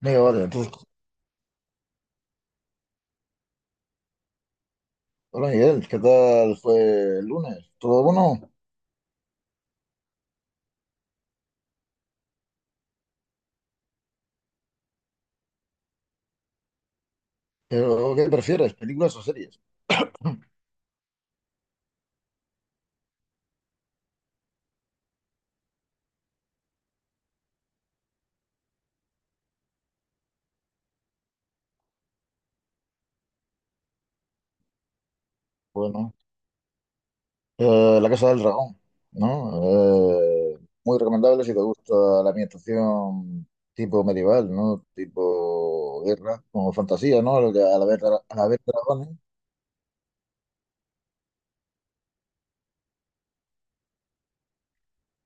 Digo, vale, entonces, hola Miguel, ¿qué tal fue el lunes? ¿Todo bueno? ¿Pero qué prefieres, películas o series? Bueno, La Casa del Dragón, ¿no? Muy recomendable si te gusta la ambientación tipo medieval, ¿no? Tipo guerra, como fantasía, ¿no? Al haber dragones.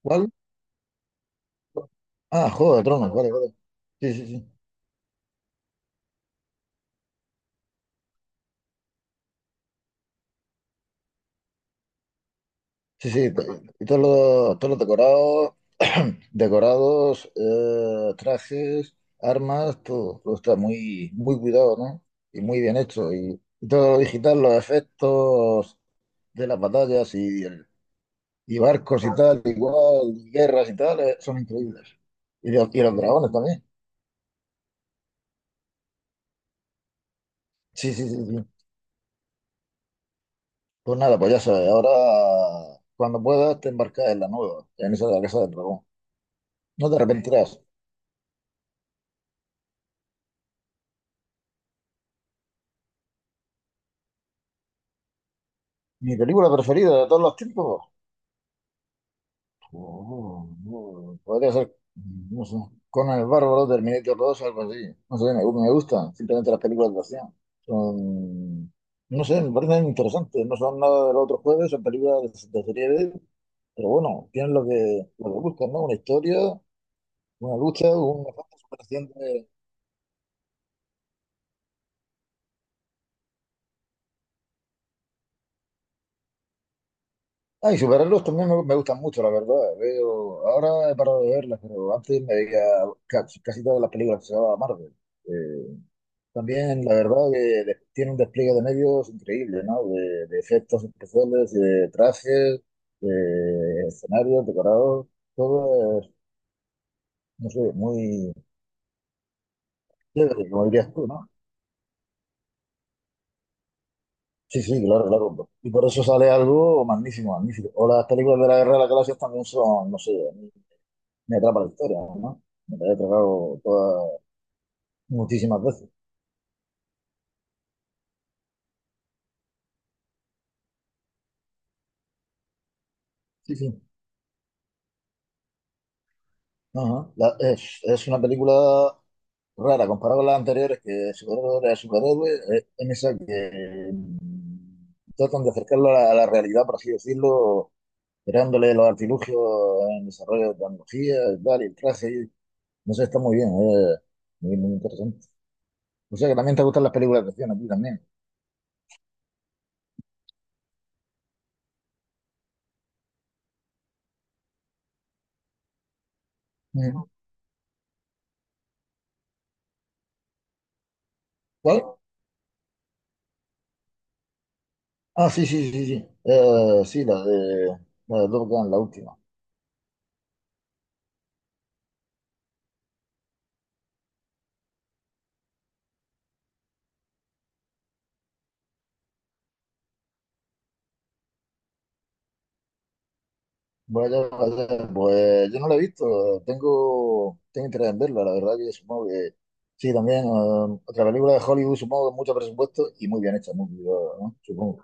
¿Cuál? Ah, Juego de Tronos, vale, vale. Sí, sí, sí. Sí, sí, to- y todos todos los decorados, decorados, trajes, armas, todo, todo está muy, muy cuidado, ¿no? Y muy bien hecho. Y todo lo digital, los efectos de las batallas y barcos y tal, igual, y guerras y tal, son increíbles. Y los dragones también. Sí, sí, sí, sí. Pues nada, pues ya sabes, ahora cuando puedas te embarcas en la nueva, en esa de la Casa del Dragón. No te arrepentirás. Mi película preferida de todos los tiempos. Oh, Podría ser, no sé, Conan el Bárbaro, Terminator dos algo así. No sé, me gusta. Simplemente las películas de acción. Son, no sé, me parecen interesantes. No son nada del otro jueves, son películas de serie B, pero bueno, tienen lo que buscan, ¿no? Una historia, una lucha, una falta de superación de... Ah, y superarlos también me gustan mucho, la verdad. Veo, ahora he parado de verlas, pero antes me veía casi todas las películas que se llamaban Marvel. Eh, También, la verdad, que tiene un despliegue de medios increíble, ¿no? De efectos especiales, de trajes, de escenarios, decorados, todo es, no sé, muy chévere, como dirías tú, ¿no? Sí, sí, claro, claro. Y por eso sale algo magnífico, magnífico. O las películas de la Guerra de las Galaxias también son, no sé, a mí me atrapa la historia, ¿no? Me la he tragado todas, muchísimas veces. Sí, sí. Ajá. Es una película rara, comparado con las anteriores, que superhéroe a superhéroe, en esa que tratan de acercarlo a la realidad, por así decirlo, creándole los artilugios en desarrollo de tecnología, y tal, y el traje, no sé, está muy bien, muy, muy interesante. O sea que también te gustan las películas de acción a ti también. Ujú. ¿Cuál? Ah, sí, sí, sí, sí. Sí, la de Top Gun, la última. Vaya, vaya, pues yo no la he visto, tengo, tengo interés en verla, la verdad que supongo. Sí, también, otra película de Hollywood, supongo, con mucho presupuesto y muy bien hecha, muy cuidada, ¿no? Supongo.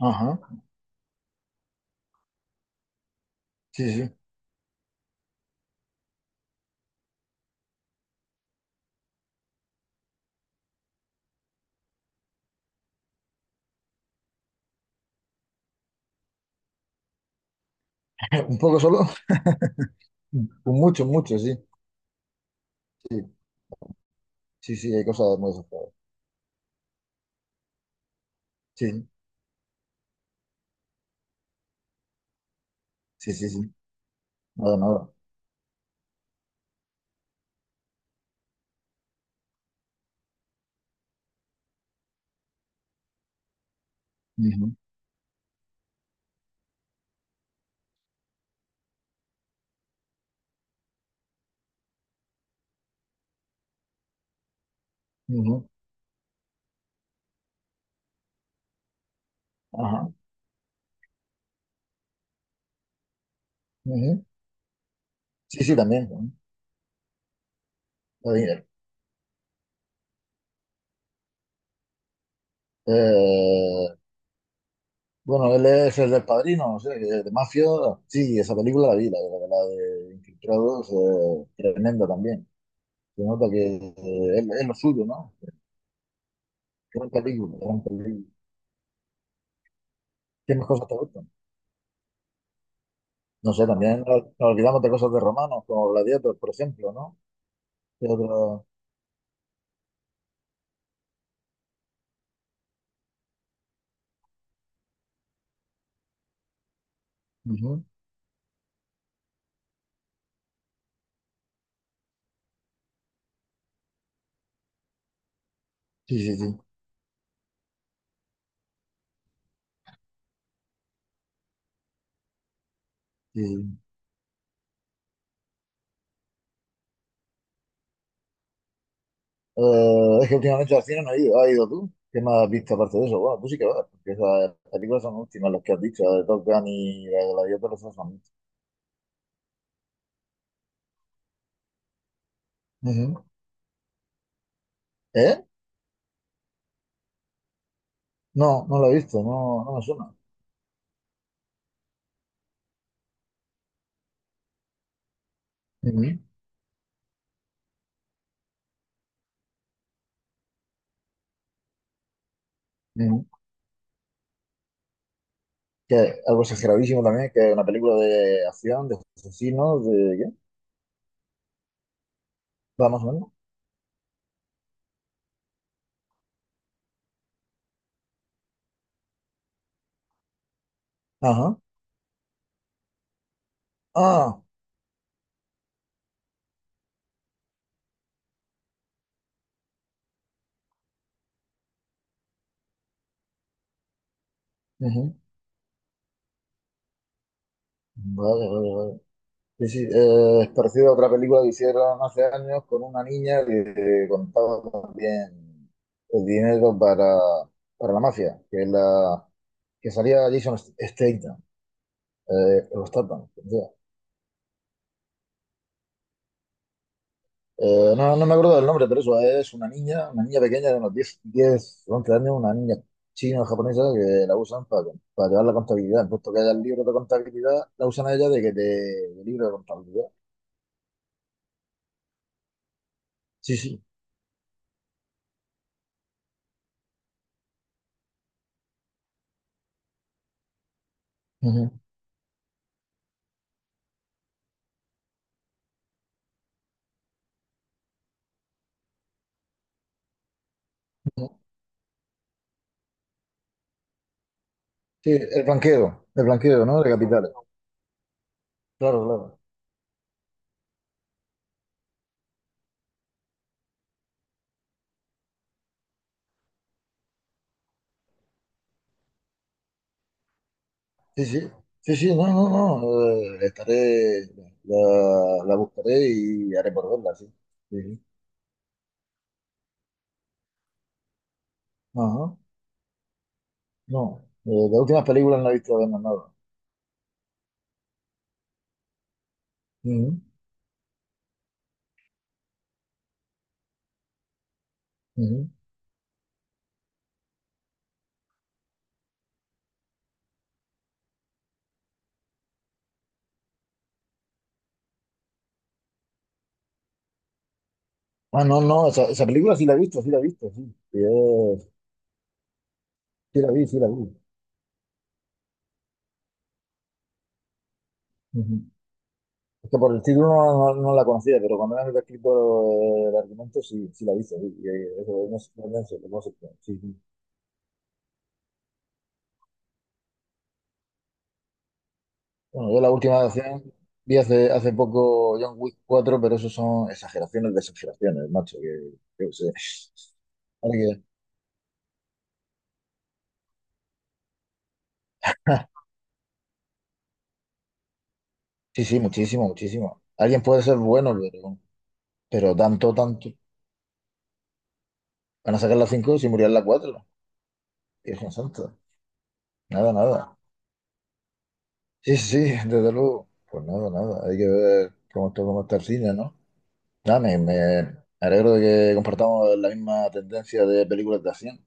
Ajá, sí, sí. Un poco solo, un mucho, mucho, sí. Sí, sí, sí, hay cosas muy desesperadas. Sí, sí, sí, sí. Nada, nada. Ujú, ujú, ajá, ujú. Sí, sí, también, ¿no? Está bien. Eh, bueno, él es el del Padrino, no sé, de Mafia. Sí, esa película la vi, la de Infiltrados, tremenda también. Se nota que es lo suyo, ¿no? Gran película, gran película. ¿Qué más cosas te gustan? No sé, también nos olvidamos de cosas de romanos, como Gladiator, por ejemplo, ¿no? ¿Qué otro? Ujú. Sí, sí, sí. Sí. Sí. Es que últimamente al cine no he ido. ¿Has ido tú? ¿Qué más has visto aparte de eso? Bueno, tú sí que vas, porque esas películas son últimas, las que has dicho, la de Top Gun y la de Gladiator, esas son últimas. Ujú. ¿Eh? No, no lo he visto, no, no me suena. Ujú, ujú. Que algo exageradísimo también, que es una película de acción, de asesinos, de... ¿Qué? Va más o menos. Ajá. Ah. Ujú. Vale, vale, vale. Sí, sí, es parecido a otra película que hicieron hace años con una niña que contaba también el dinero para la mafia, que salía Jason Statham, o Statham, o sea, no, no me acuerdo del nombre, pero eso es una niña pequeña de unos 10, 11 años, una niña china o japonesa que la usan para llevar la contabilidad, puesto que haya el libro de contabilidad, la usan a ella de que te, de libro de contabilidad. Sí, sí. Ujú. Sí, el blanqueo, ¿no? De capitales. Claro, claro. Sí, sí. Sí, sí, no, no, no. Estaré, la buscaré y haré por verla, sí. Sí, sí. Ajá. No. De últimas películas no he visto apenas nada. Ujú, ujú. Ah, no, no. Esa película sí la he visto, sí la he visto, sí. Sí, sí la vi, sí la vi. Ujú. Es que por el título no la conocía, pero cuando me han escrito el argumento sí, sí la he visto. Sí, y, eso, no sé, no sé, no sé, sí, sí. Bueno, yo la última acción vi hace, hace poco John Wick cuatro, pero eso son exageraciones de exageraciones, macho, que yo qué sé. Alguien- Sí, sí, muchísimo, muchísimo. Alguien puede ser bueno, pero tanto, tanto. Van a sacar la 5 si murió en la 4. Dios santo. Nada, nada. Sí, sí, sí, desde luego. Pues nada, nada. Hay que ver cómo está el cine, ¿no? Nada, me alegro de que compartamos la misma tendencia de películas de acción.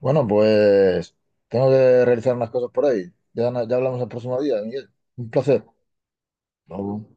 Bueno, pues tengo que realizar unas cosas por ahí. Ya hablamos el próximo día, Miguel. Un placer. Hasta luego.